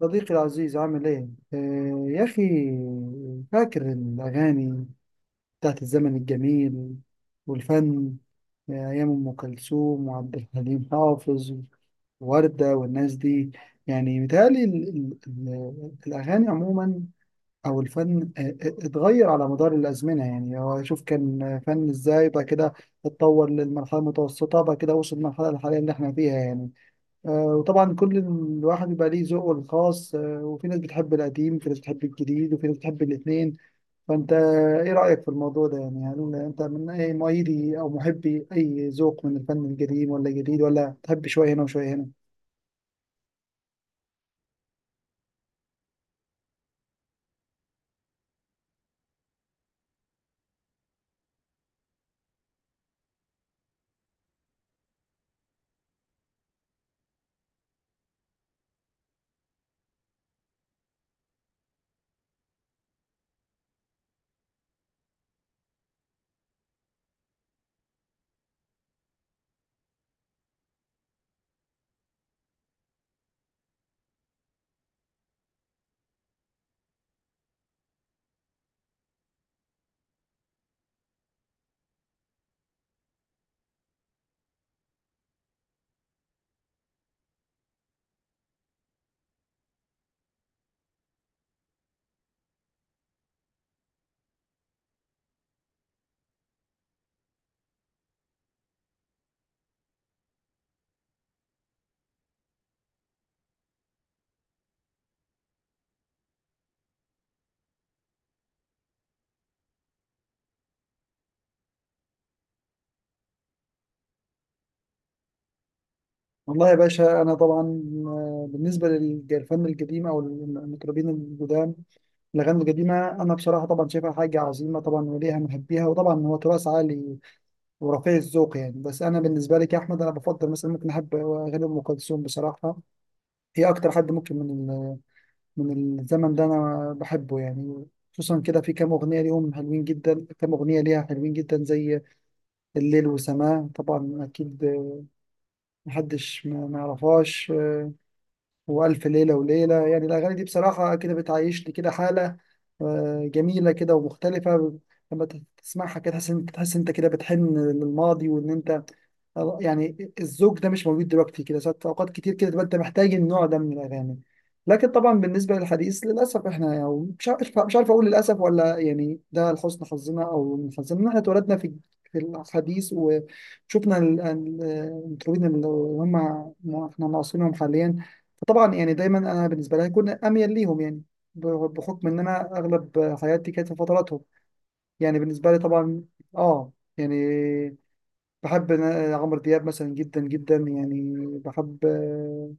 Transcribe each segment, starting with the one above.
صديقي العزيز عامل ايه؟ آه يا اخي، فاكر الاغاني بتاعت الزمن الجميل والفن. آه، ايام ام كلثوم وعبد الحليم حافظ ووردة والناس دي. يعني متهيألي الاغاني عموما او الفن اتغير على مدار الازمنه، يعني هو شوف كان فن ازاي بعد كده اتطور للمرحله المتوسطه، بعد كده وصل للمرحله الحاليه اللي احنا فيها يعني. وطبعا كل الواحد بيبقى ليه ذوقه الخاص، وفي ناس بتحب القديم، وفي ناس بتحب الجديد، وفي ناس بتحب الاثنين. فانت ايه رأيك في الموضوع ده؟ يعني هل انت من اي مؤيدي او محبي اي ذوق من الفن القديم ولا الجديد، ولا تحب شوية هنا وشوية هنا؟ والله يا باشا انا طبعا، بالنسبة للفن القديم او المطربين القدام، الاغاني القديمة انا بصراحة طبعا شايفها حاجة عظيمة طبعا، وليها محبيها، وطبعا هو تراث عالي ورفيع الذوق يعني. بس انا بالنسبه لي كاحمد انا بفضل، مثلا ممكن احب اغاني ام كلثوم بصراحه، هي اكتر حد ممكن من الزمن ده انا بحبه يعني. خصوصا كده في كام اغنيه ليهم حلوين جدا، كام اغنيه ليها حلوين جدا، زي الليل وسماه طبعا، اكيد محدش ما يعرفهاش، والف ليله وليله. يعني الاغاني دي بصراحه كده بتعيشني كده حاله، آه، جميله كده ومختلفه. لما تسمعها كده تحس تحس انت كده بتحن للماضي، وان انت يعني الذوق ده مش موجود دلوقتي كده. ساعات اوقات كتير كده تبقى انت محتاج النوع ده من الاغاني. لكن طبعا بالنسبه للحديث، للاسف احنا، يعني مش عارف اقول للاسف ولا يعني ده لحسن حظنا، او من حظنا ان احنا اتولدنا في في الحديث وشفنا المطربين اللي هم، احنا معاصرينهم حاليا. فطبعا يعني دايما انا بالنسبه لي هيكون اميل ليهم يعني، بحكم ان انا اغلب حياتي كانت في فتراتهم، يعني بالنسبه لي طبعا. اه يعني بحب عمرو دياب مثلا جدا جدا يعني، بحب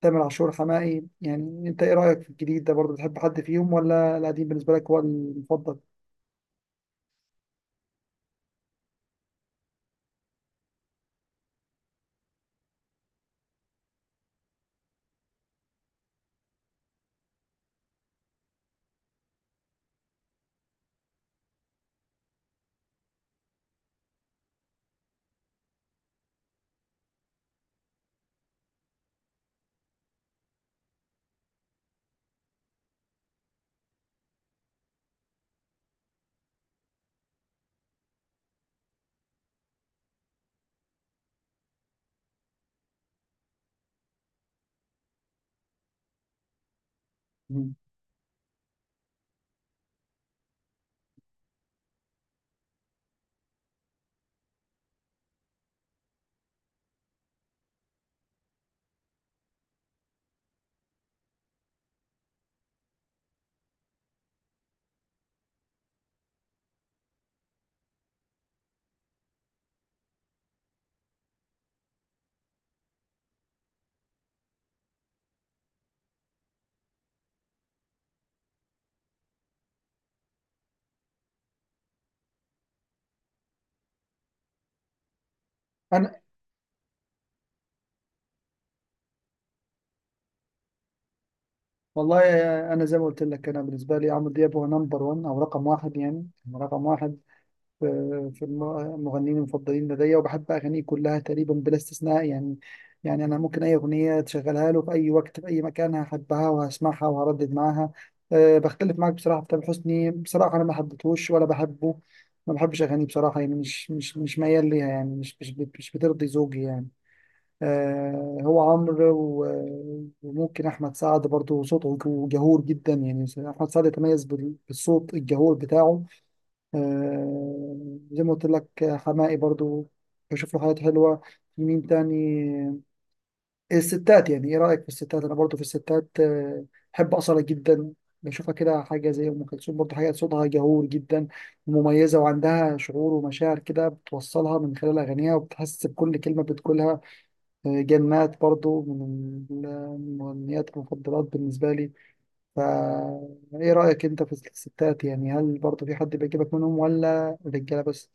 تامر عاشور، حماقي. يعني انت ايه رأيك في الجديد ده برضه؟ بتحب حد فيهم ولا القديم بالنسبة لك هو المفضل؟ مم. انا والله، انا زي ما قلت لك، انا بالنسبة لي عمرو دياب هو نمبر 1، او رقم واحد يعني، رقم واحد في المغنيين المفضلين لدي، وبحب أغانيه كلها تقريبا بلا استثناء يعني. يعني أنا ممكن أي أغنية تشغلها له في أي وقت في أي مكان هحبها وهسمعها وهردد معاها. أه بختلف معاك بصراحة في تامر حسني، بصراحة أنا ما حبيتهوش ولا بحبه، ما بحبش أغانيه بصراحة. يعني مش ميال ليها، يعني مش بترضي ذوقي يعني. أه، هو عمرو، وممكن أحمد سعد برضه صوته جهور جدا يعني. أحمد سعد يتميز بالصوت الجهور بتاعه. آه، زي ما قلت لك، حماقي برضو بشوف له حاجات حلوة. مين تاني؟ الستات، يعني ايه رأيك في الستات؟ انا برضو في الستات، آه، بحب أصالة جدا، بشوفها كده حاجة زي أم كلثوم برضو، حاجة صوتها جهور جدا ومميزة، وعندها شعور ومشاعر كده بتوصلها من خلال أغانيها، وبتحس بكل كلمة بتقولها. آه، جنات برضو المغنيات المفضلات بالنسبة لي. فا إيه رأيك أنت في الستات؟ يعني هل برضو في حد بيعجبك منهم ولا الرجالة بس؟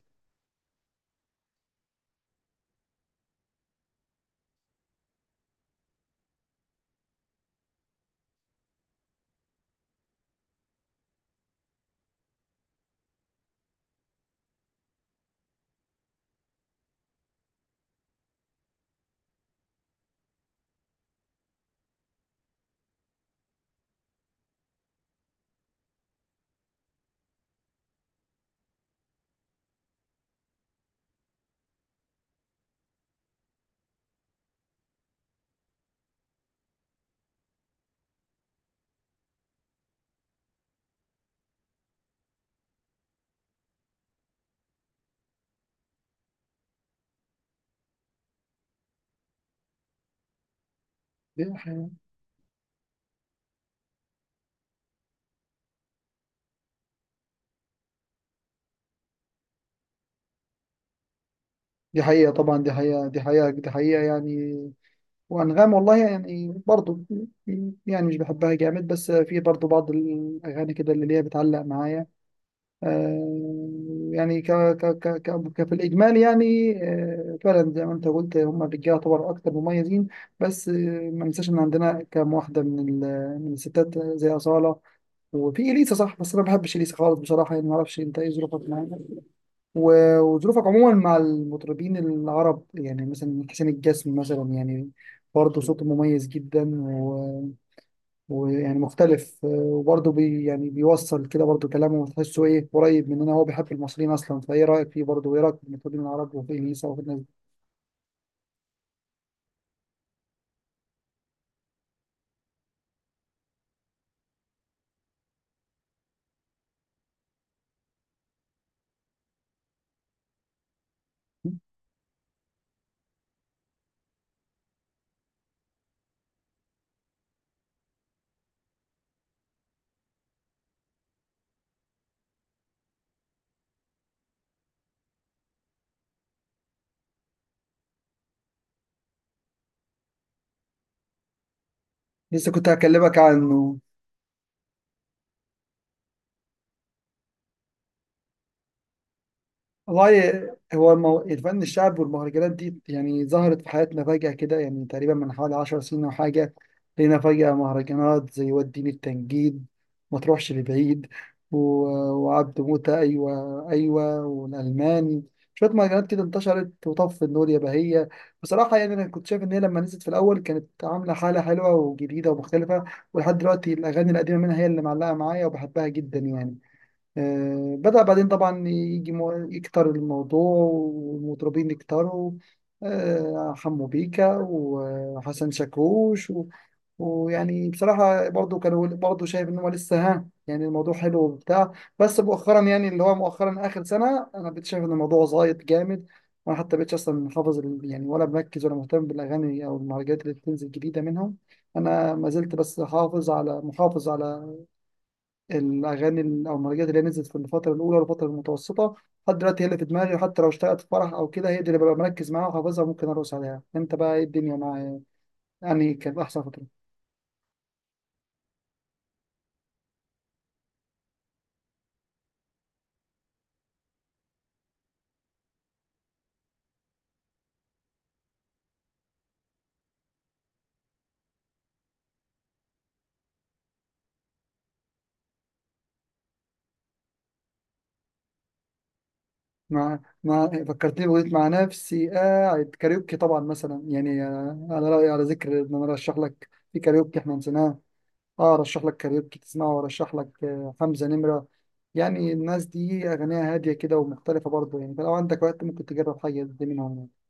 دي حقيقة، دي حقيقة طبعا، دي حقيقة، دي حقيقة، دي حقيقة يعني. وأنغام والله يعني برضو، يعني مش بحبها جامد، بس في برضو بعض الأغاني كده اللي ليها بتعلق معايا. آه يعني في الإجمال، يعني آه فعلا زي ما أنت قلت هم الرجالة طبعا أكتر مميزين. بس آه، ما ننساش إن عندنا كام واحدة من الستات زي أصالة، وفي إليسا صح، بس أنا ما بحبش إليسا خالص بصراحة. يعني ما أعرفش أنت إيه ظروفك معاها، وظروفك عموما مع المطربين العرب، يعني مثلا حسين الجسمي مثلا يعني، برضه صوته مميز جدا، ويعني مختلف، وبرضه بي يعني بيوصل كده برضه، كلامه تحسه ايه قريب مننا، هو بيحب المصريين اصلا. فايه رايك فيه برضه، وايه رايك في المطربين العرب وفي اليسا وفي الناس دي؟ لسه كنت هكلمك عنه. والله هو الفن الشعب والمهرجانات دي يعني ظهرت في حياتنا فجأة كده، يعني تقريبا من حوالي عشر سنين أو حاجة. لقينا فجأة مهرجانات زي وديني التنجيد، ما تروحش لبعيد، و... وعبد موتة، أيوة أيوة، والألماني، شوية مهرجانات كده انتشرت، وطف النور يا بهية. بصراحة يعني أنا كنت شايف إن هي لما نزلت في الأول كانت عاملة حالة حلوة وجديدة ومختلفة، ولحد دلوقتي الأغاني القديمة منها هي اللي معلقة معايا وبحبها جدا يعني. آه، بدأ بعدين طبعا يجي يكتر الموضوع والمطربين يكتروا، آه، حمو بيكا وحسن شاكوش، ويعني بصراحة برضو كانوا، برضو شايف إن هو لسه ها يعني الموضوع حلو وبتاع. بس مؤخرا يعني، اللي هو مؤخرا آخر سنة، أنا بقيت شايف إن الموضوع زايد جامد، وأنا حتى بقيتش أصلا حافظ يعني ولا مركز ولا مهتم بالأغاني أو المهرجانات اللي بتنزل جديدة منهم. أنا ما زلت بس حافظ على، محافظ على الاغاني او المهرجانات اللي هي نزلت في الفتره الاولى والفتره المتوسطه، لحد دلوقتي هي اللي في دماغي. وحتى لو اشتغلت في فرح او كده هي دي اللي ببقى مركز معاها وحافظها، ممكن ارقص عليها. انت بقى ايه الدنيا مع، يعني كانت احسن فتره. مع فكرتني، بقيت مع نفسي قاعد كاريوكي طبعا مثلا يعني، على رايي على ذكر ان انا ارشح لك، في كاريوكي احنا نسيناه. اه ارشح لك كاريوكي تسمعه، وارشح لك حمزه نمره. يعني الناس دي اغانيها هاديه كده ومختلفه برضه يعني، فلو عندك وقت ممكن تجرب حاجه دي منهم يعني.